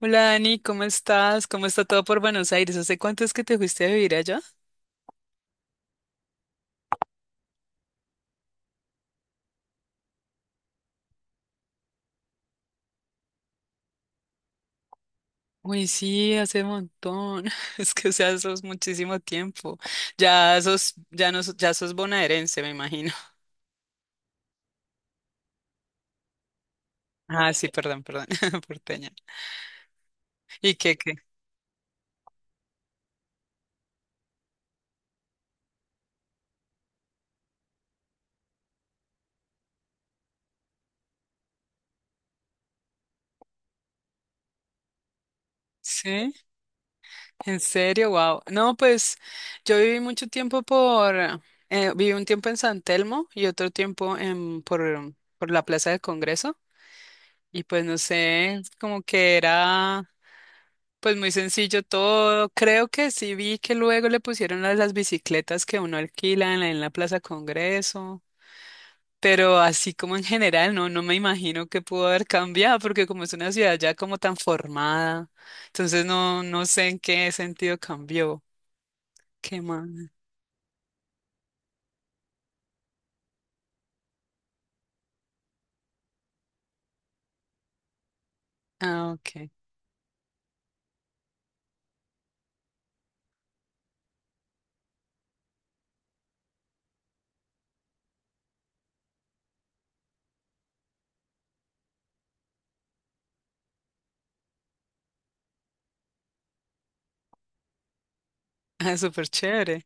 Hola Dani, ¿cómo estás? ¿Cómo está todo por Buenos Aires? ¿Hace cuánto es que te fuiste a vivir allá? Uy, sí, hace montón. Es que o sea, sos muchísimo tiempo. Ya sos, ya no, ya sos bonaerense, me imagino. Ah, sí, perdón, perdón, porteña. ¿Y qué? Sí, en serio, wow. No, pues yo viví mucho tiempo viví un tiempo en San Telmo y otro tiempo por la Plaza del Congreso. Y pues no sé, como que era. Pues muy sencillo todo. Creo que sí vi que luego le pusieron las bicicletas que uno alquila en la Plaza Congreso, pero así como en general, no me imagino que pudo haber cambiado, porque como es una ciudad ya como tan formada, entonces no sé en qué sentido cambió. ¿Qué más? Ah, ok. Ah, súper chévere.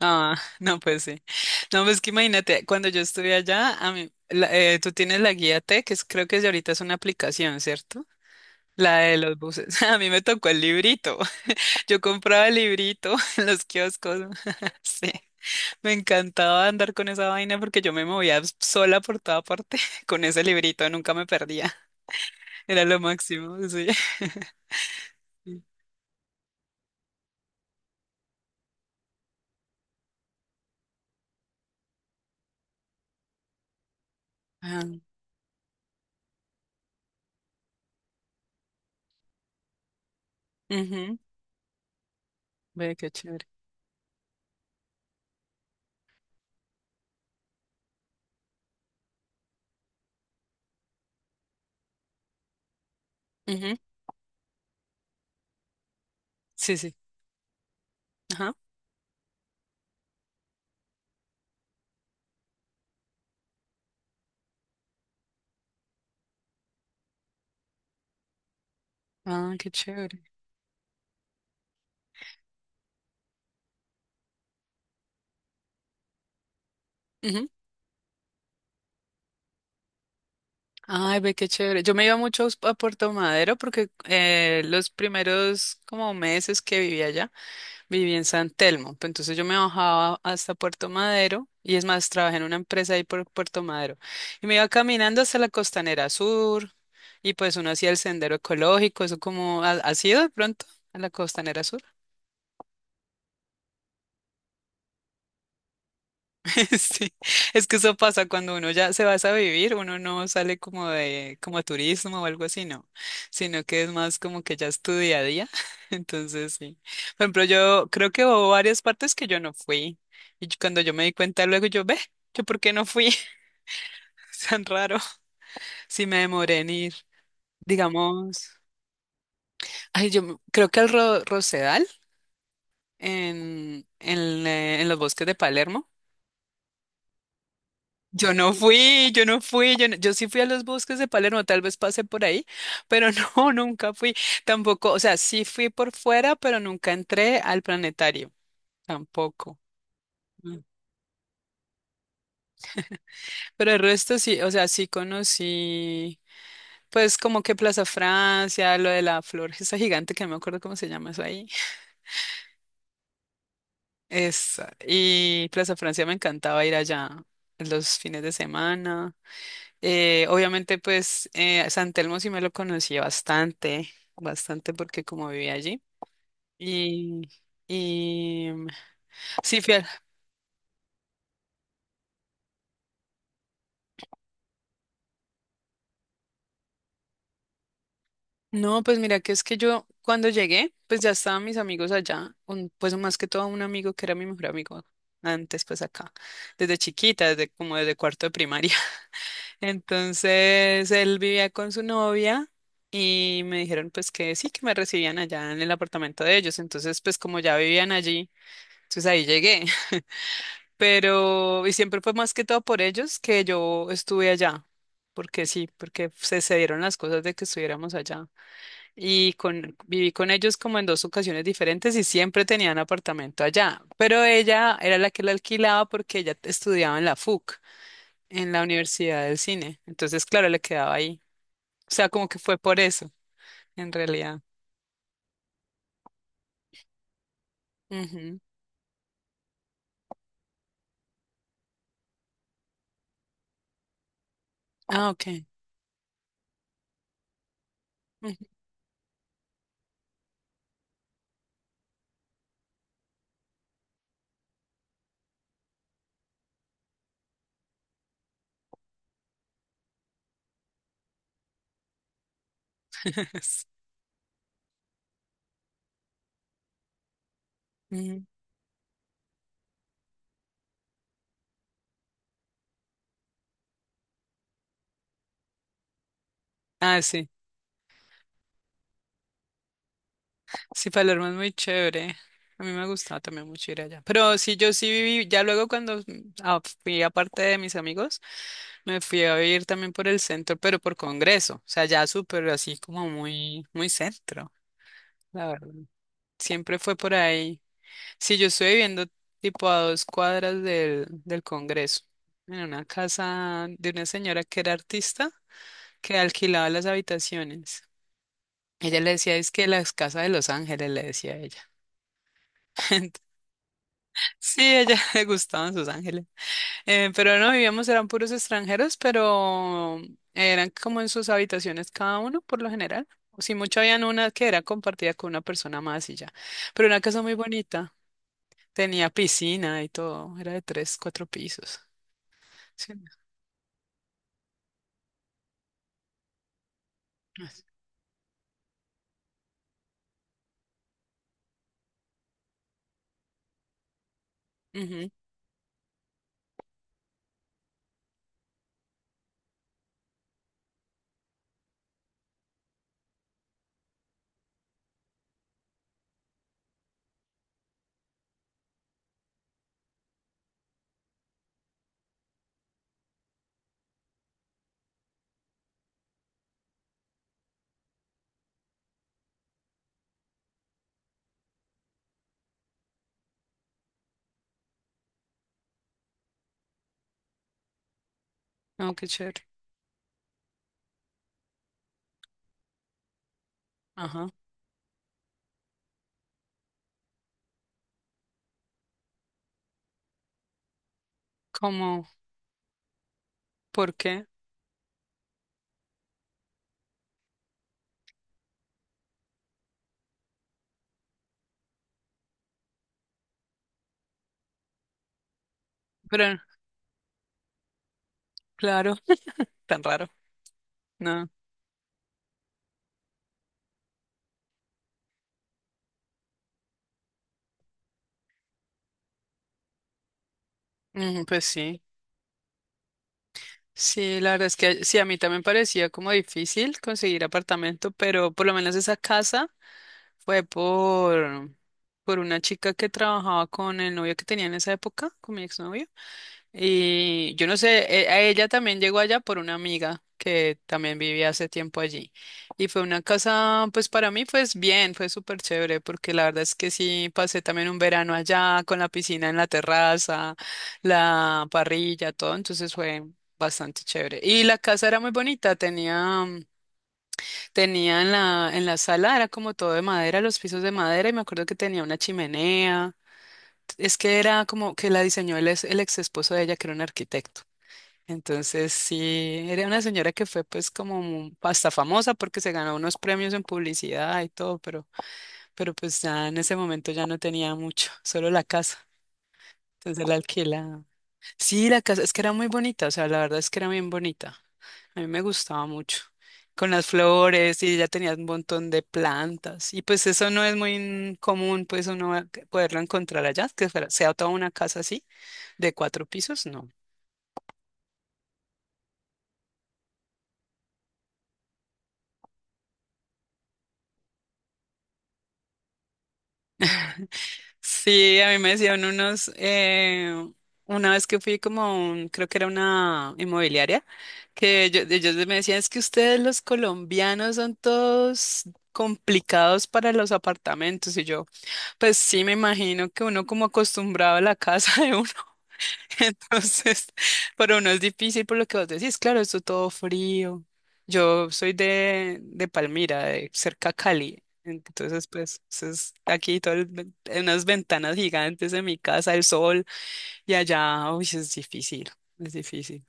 Ah, no, pues sí. No, pues que imagínate, cuando yo estuve allá, tú tienes la guía T, que creo que es de ahorita es una aplicación, ¿cierto? La de los buses. A mí me tocó el librito. Yo compraba el librito en los kioscos. Sí. Me encantaba andar con esa vaina porque yo me movía sola por toda parte con ese librito. Nunca me perdía. Era lo máximo. Sí. Sí. Ah, ujú. Ve qué chévere. Ujú. Sí, sí. Ajá. Ah, qué chévere. Ujú. Ay, ve qué chévere. Yo me iba mucho a Puerto Madero porque los primeros como meses que vivía allá viví en San Telmo. Pues entonces yo me bajaba hasta Puerto Madero y es más, trabajé en una empresa ahí por Puerto Madero y me iba caminando hasta la Costanera Sur y pues uno hacía el sendero ecológico, eso como, ¿ha sido de pronto a la Costanera Sur? Sí, es que eso pasa cuando uno ya se va a vivir, uno no sale como de como a turismo o algo así, no, sino que es más como que ya es tu día a día. Entonces, sí. Por ejemplo, yo creo que hubo varias partes que yo no fui cuando yo me di cuenta luego yo, ve, yo por qué no fui, tan raro. Sí me demoré en ir, digamos, ay, creo que al Rosedal en los bosques de Palermo. Yo no fui, yo no fui, yo, no- Yo sí fui a los bosques de Palermo, tal vez pasé por ahí, pero no, nunca fui, tampoco, o sea, sí fui por fuera, pero nunca entré al planetario, tampoco. Mm. Pero el resto sí, o sea, sí conocí, pues como que Plaza Francia, lo de la flor, esa gigante que no me acuerdo cómo se llama eso ahí. Esa, y Plaza Francia me encantaba ir allá los fines de semana. Obviamente, pues San Telmo sí me lo conocí bastante, bastante porque como vivía allí. Y, y mm, sí, fiel. No, pues mira que es que yo cuando llegué, pues ya estaban mis amigos allá, pues más que todo un amigo que era mi mejor amigo antes, pues acá, desde chiquita, desde cuarto de primaria. Entonces él vivía con su novia y me dijeron pues que sí, que me recibían allá en el apartamento de ellos. Entonces pues como ya vivían allí. Entonces ahí llegué, pero y siempre fue más que todo por ellos que yo estuve allá, porque sí, porque se dieron las cosas de que estuviéramos allá. Y con, viví con ellos como en dos ocasiones diferentes y siempre tenían apartamento allá, pero ella era la que la alquilaba porque ella estudiaba en la FUC, en la Universidad del Cine. Entonces, claro, le quedaba ahí. O sea, como que fue por eso, en realidad. Ujú. Ah, ok. Ujú. Ah, sí. Sí, Palermo es muy chévere. A mí me gustaba también mucho ir allá. Pero sí, yo sí viví, ya luego cuando fui aparte de mis amigos, me fui a vivir también por el centro, pero por Congreso. O sea, ya súper así como muy, muy centro, la verdad. Siempre fue por ahí. Sí, yo estoy viviendo tipo a dos cuadras del Congreso, en una casa de una señora que era artista, que alquilaba las habitaciones. Ella le decía, es que las casas de Los Ángeles, le decía ella. Sí, a ella le gustaban sus ángeles. Pero no vivíamos, eran puros extranjeros, pero eran como en sus habitaciones cada uno por lo general. O si mucho habían una que era compartida con una persona más y ya. Pero una casa muy bonita, tenía piscina y todo, era de tres, cuatro pisos. Sí. Ujú. No, qué chévere. Ajá. ¿Cómo? ¿Por qué? Pero claro, tan raro. No. Ujú, pues sí. Sí, la verdad es que sí, a mí también parecía como difícil conseguir apartamento, pero por lo menos esa casa fue por una chica que trabajaba con el novio que tenía en esa época, con mi exnovio. Y yo no sé, a ella también llegó allá por una amiga que también vivía hace tiempo allí. Y fue una casa, pues para mí, pues bien, fue súper chévere, porque la verdad es que sí, pasé también un verano allá con la piscina en la terraza, la parrilla, todo, entonces fue bastante chévere. Y la casa era muy bonita, tenía en la sala, era como todo de madera, los pisos de madera, y me acuerdo que tenía una chimenea. Es que era como que la diseñó el ex esposo de ella, que era un arquitecto. Entonces, sí, era una señora que fue pues como hasta famosa porque se ganó unos premios en publicidad y todo, pero pues ya en ese momento ya no tenía mucho, solo la casa. Entonces la alquilaba. Sí, la casa, es que era muy bonita, o sea, la verdad es que era bien bonita. A mí me gustaba mucho. Con las flores y ella tenía un montón de plantas. Y pues eso no es muy común, pues poderlo encontrar allá, que sea toda una casa así, de cuatro pisos, no. Sí, a mí me decían unos, una vez que fui como, a creo que era una inmobiliaria, que ellos me decían, es que ustedes los colombianos son todos complicados para los apartamentos. Y yo, pues sí, me imagino que uno como acostumbrado a la casa de uno. Entonces, para uno es difícil por lo que vos decís, claro, esto todo frío. Yo soy de Palmira, de cerca a Cali. Entonces, pues, eso es aquí todo unas ventanas gigantes en mi casa, el sol, y allá, uy, es difícil, es difícil.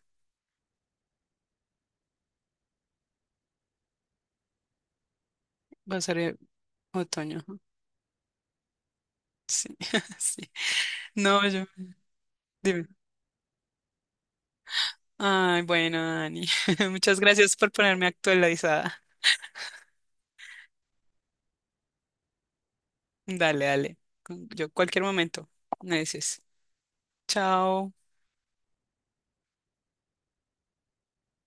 Va a ser otoño. Ajá, sí, sí. No, yo, dime. Ay, bueno, Dani, muchas gracias por ponerme actualizada. Dale, dale. Yo cualquier momento me dices. Chao.